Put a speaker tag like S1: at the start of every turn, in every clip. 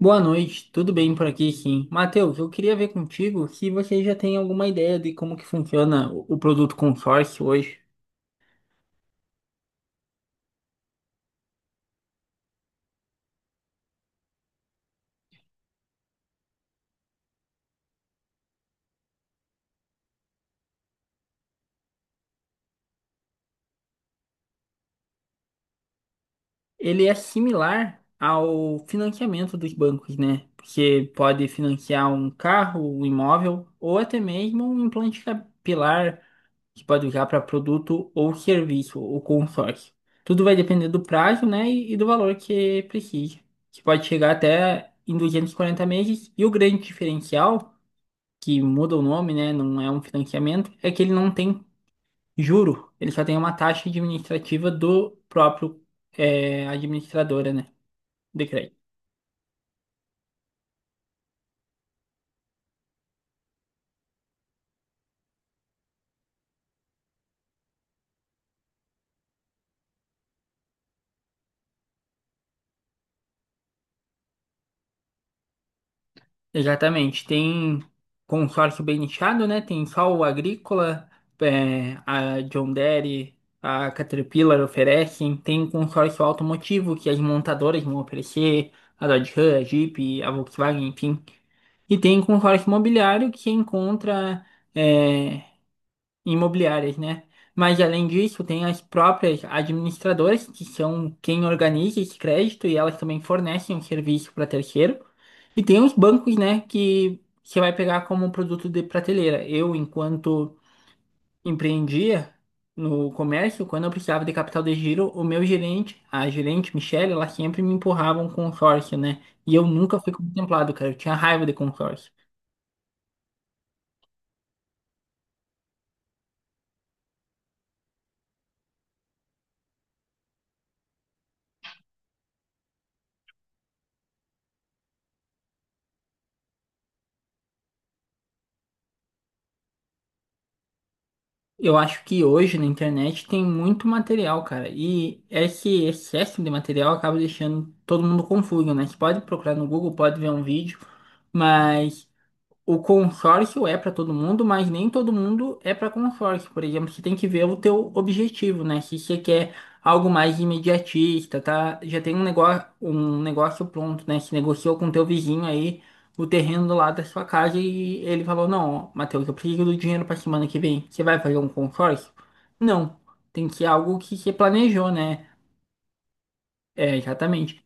S1: Boa noite, tudo bem por aqui, sim. Matheus, eu queria ver contigo se você já tem alguma ideia de como que funciona o produto consórcio hoje. Ele é similar ao financiamento dos bancos, né? Você pode financiar um carro, um imóvel ou até mesmo um implante capilar que pode usar para produto ou serviço, o consórcio. Tudo vai depender do prazo, né, e do valor que precisa. Que pode chegar até em 240 meses e o grande diferencial que muda o nome, né? Não é um financiamento, é que ele não tem juro, ele só tem uma taxa administrativa do próprio, administradora, né? De crédito. Exatamente. Tem consórcio bem nichado, né? Tem só o Agrícola, a John Deere, a Caterpillar oferecem. Tem consórcio automotivo que as montadoras vão oferecer, a Dodge Ram, a Jeep, a Volkswagen, enfim. E tem consórcio imobiliário que encontra, é, imobiliárias, né? Mas além disso, tem as próprias administradoras, que são quem organiza esse crédito e elas também fornecem um serviço para terceiro. E tem os bancos, né, que você vai pegar como produto de prateleira. Eu, enquanto empreendia no comércio, quando eu precisava de capital de giro, o meu gerente, a gerente Michelle, ela sempre me empurrava um consórcio, né? E eu nunca fui contemplado, cara. Eu tinha raiva de consórcio. Eu acho que hoje na internet tem muito material, cara. E esse excesso de material acaba deixando todo mundo confuso, né? Você pode procurar no Google, pode ver um vídeo, mas. O consórcio é para todo mundo, mas nem todo mundo é para consórcio. Por exemplo, você tem que ver o teu objetivo, né? Se você quer algo mais imediatista, tá? Já tem um negócio pronto, né? Se negociou com o teu vizinho aí o terreno do lado da sua casa e ele falou: "Não, Matheus, eu preciso do dinheiro para semana que vem. Você vai fazer um consórcio?" Não, tem que ser algo que você planejou, né? É, exatamente.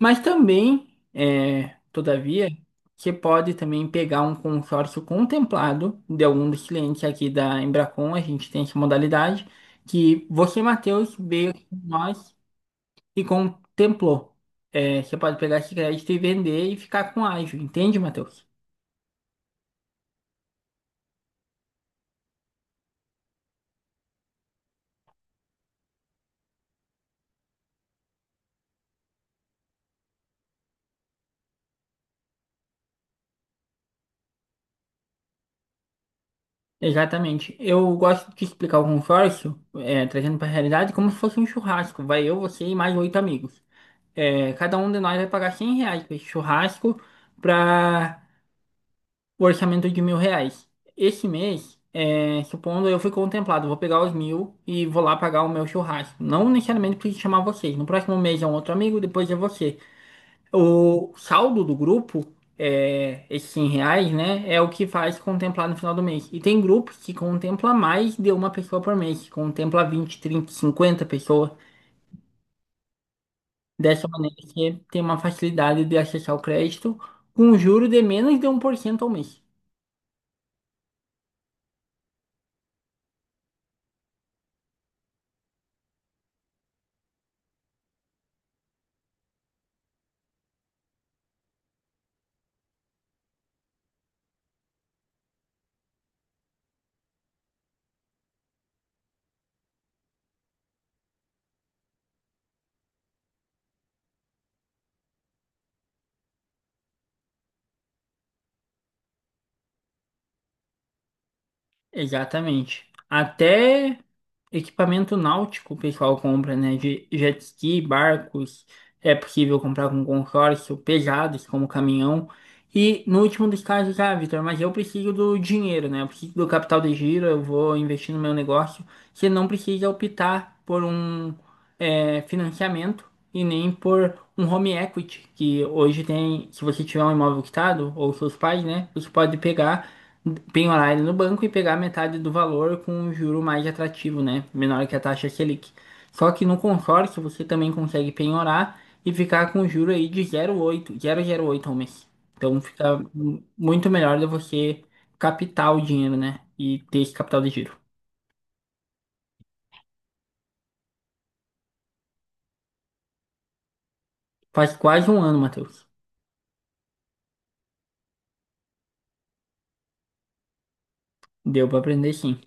S1: Mas também, todavia, você pode também pegar um consórcio contemplado de algum dos clientes aqui da Embracon, a gente tem essa modalidade, que você, Matheus, veio aqui com nós e contemplou. É, você pode pegar esse crédito e vender e ficar com ágio, entende, Matheus? Exatamente. Eu gosto de explicar o consórcio, trazendo para a realidade, como se fosse um churrasco. Vai eu, você e mais oito amigos. Cada um de nós vai pagar R$ 100 para esse churrasco, para o orçamento de R$ 1.000. Esse mês, supondo eu fui contemplado, vou pegar os mil e vou lá pagar o meu churrasco. Não necessariamente preciso chamar vocês. No próximo mês é um outro amigo, depois é você. O saldo do grupo, esses R$ 100, né, é o que faz contemplar no final do mês. E tem grupos que contempla mais de uma pessoa por mês, que contempla 20, 30, 50 pessoas. Dessa maneira, você tem uma facilidade de acessar o crédito com um juro de menos de 1% ao mês. Exatamente. Até equipamento náutico o pessoal compra, né? De jet ski, barcos, é possível comprar com consórcio, pesados como caminhão. E no último dos casos, ah, Vitor, mas eu preciso do dinheiro, né? Eu preciso do capital de giro, eu vou investir no meu negócio. Você não precisa optar por um, financiamento e nem por um home equity, que hoje tem, se você tiver um imóvel quitado, ou seus pais, né? Você pode pegar penhorar ele no banco e pegar metade do valor com um juro mais atrativo, né? Menor que a taxa Selic. Só que no consórcio você também consegue penhorar e ficar com um juro aí de zero zero oito, 0,08 ao mês. Então fica muito melhor de você captar o dinheiro, né? E ter esse capital de giro. Faz quase um ano, Matheus. Deu para aprender sim.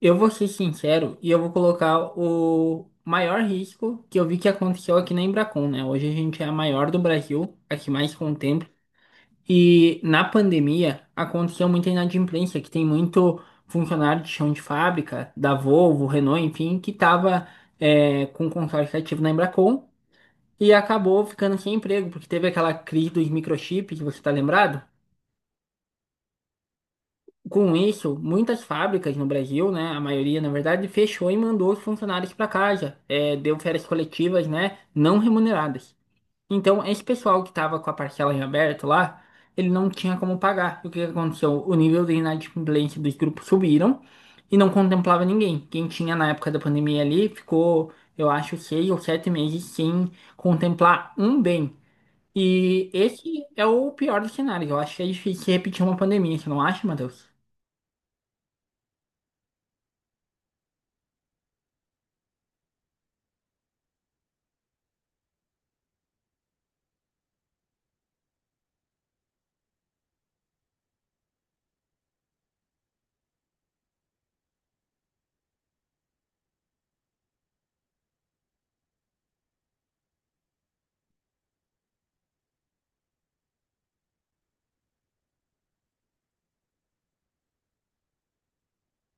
S1: Eu vou ser sincero e eu vou colocar o maior risco que eu vi que aconteceu aqui na Embracon, né? Hoje a gente é a maior do Brasil, a que mais contém. E na pandemia aconteceu muita inadimplência, que tem muito funcionário de chão de fábrica, da Volvo, Renault, enfim, que estava com consórcio ativo na Embracon e acabou ficando sem emprego, porque teve aquela crise dos microchips, você está lembrado? Com isso, muitas fábricas no Brasil, né, a maioria na verdade, fechou e mandou os funcionários para casa. É, deu férias coletivas, né, não remuneradas. Então, esse pessoal que tava com a parcela em aberto lá, ele não tinha como pagar. E o que que aconteceu? O nível de inadimplência dos grupos subiram e não contemplava ninguém. Quem tinha na época da pandemia ali ficou, eu acho, 6 ou 7 meses sem contemplar um bem. E esse é o pior dos cenários. Eu acho que é difícil repetir uma pandemia, você não acha, Matheus?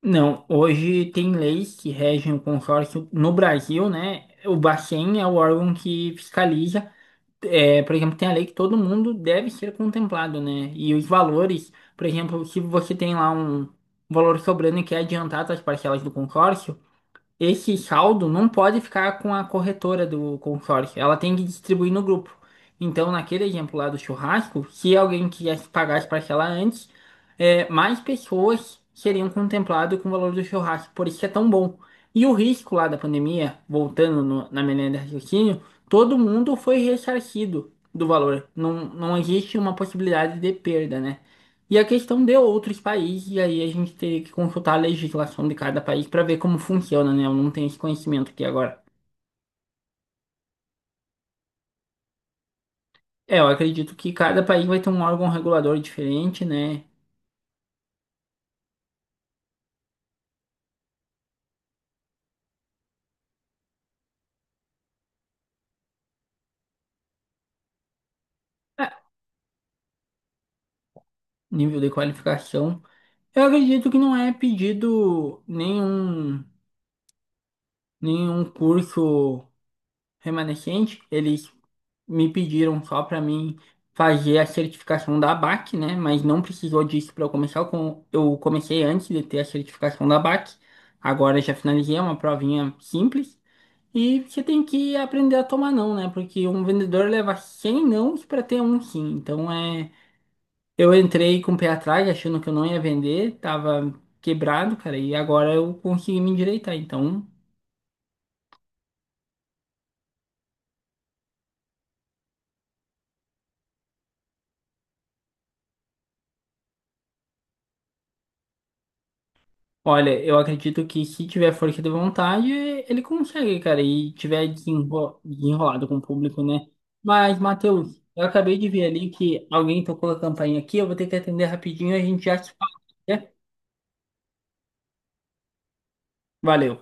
S1: Não, hoje tem leis que regem o consórcio no Brasil, né? O Bacen é o órgão que fiscaliza. É, por exemplo, tem a lei que todo mundo deve ser contemplado, né? E os valores, por exemplo, se você tem lá um valor sobrando e quer adiantar as parcelas do consórcio, esse saldo não pode ficar com a corretora do consórcio, ela tem que distribuir no grupo. Então, naquele exemplo lá do churrasco, se alguém quisesse pagar as parcelas antes, mais pessoas seriam contempladas com o valor do churrasco, por isso que é tão bom. E o risco lá da pandemia, voltando na menina de raciocínio, todo mundo foi ressarcido do valor. Não, não existe uma possibilidade de perda, né? E a questão de outros países, e aí a gente teria que consultar a legislação de cada país para ver como funciona, né? Eu não tenho esse conhecimento aqui agora. É, eu acredito que cada país vai ter um órgão regulador diferente, né? É, Nível de qualificação. Eu acredito que não é pedido nenhum curso remanescente. Eles me pediram só para mim fazer a certificação da ABAC, né? Mas não precisou disso para eu começar. Eu comecei antes de ter a certificação da ABAC. Agora eu já finalizei é uma provinha simples. E você tem que aprender a tomar não, né? Porque um vendedor leva 100 nãos para ter um sim. Então é. Eu entrei com o pé atrás, achando que eu não ia vender, tava quebrado, cara, e agora eu consegui me endireitar. Então. Olha, eu acredito que se tiver força de vontade, ele consegue, cara, e tiver desenrolado com o público, né? Mas, Matheus, eu acabei de ver ali que alguém tocou a campainha aqui, eu vou ter que atender rapidinho, a gente já se fala, né? Valeu.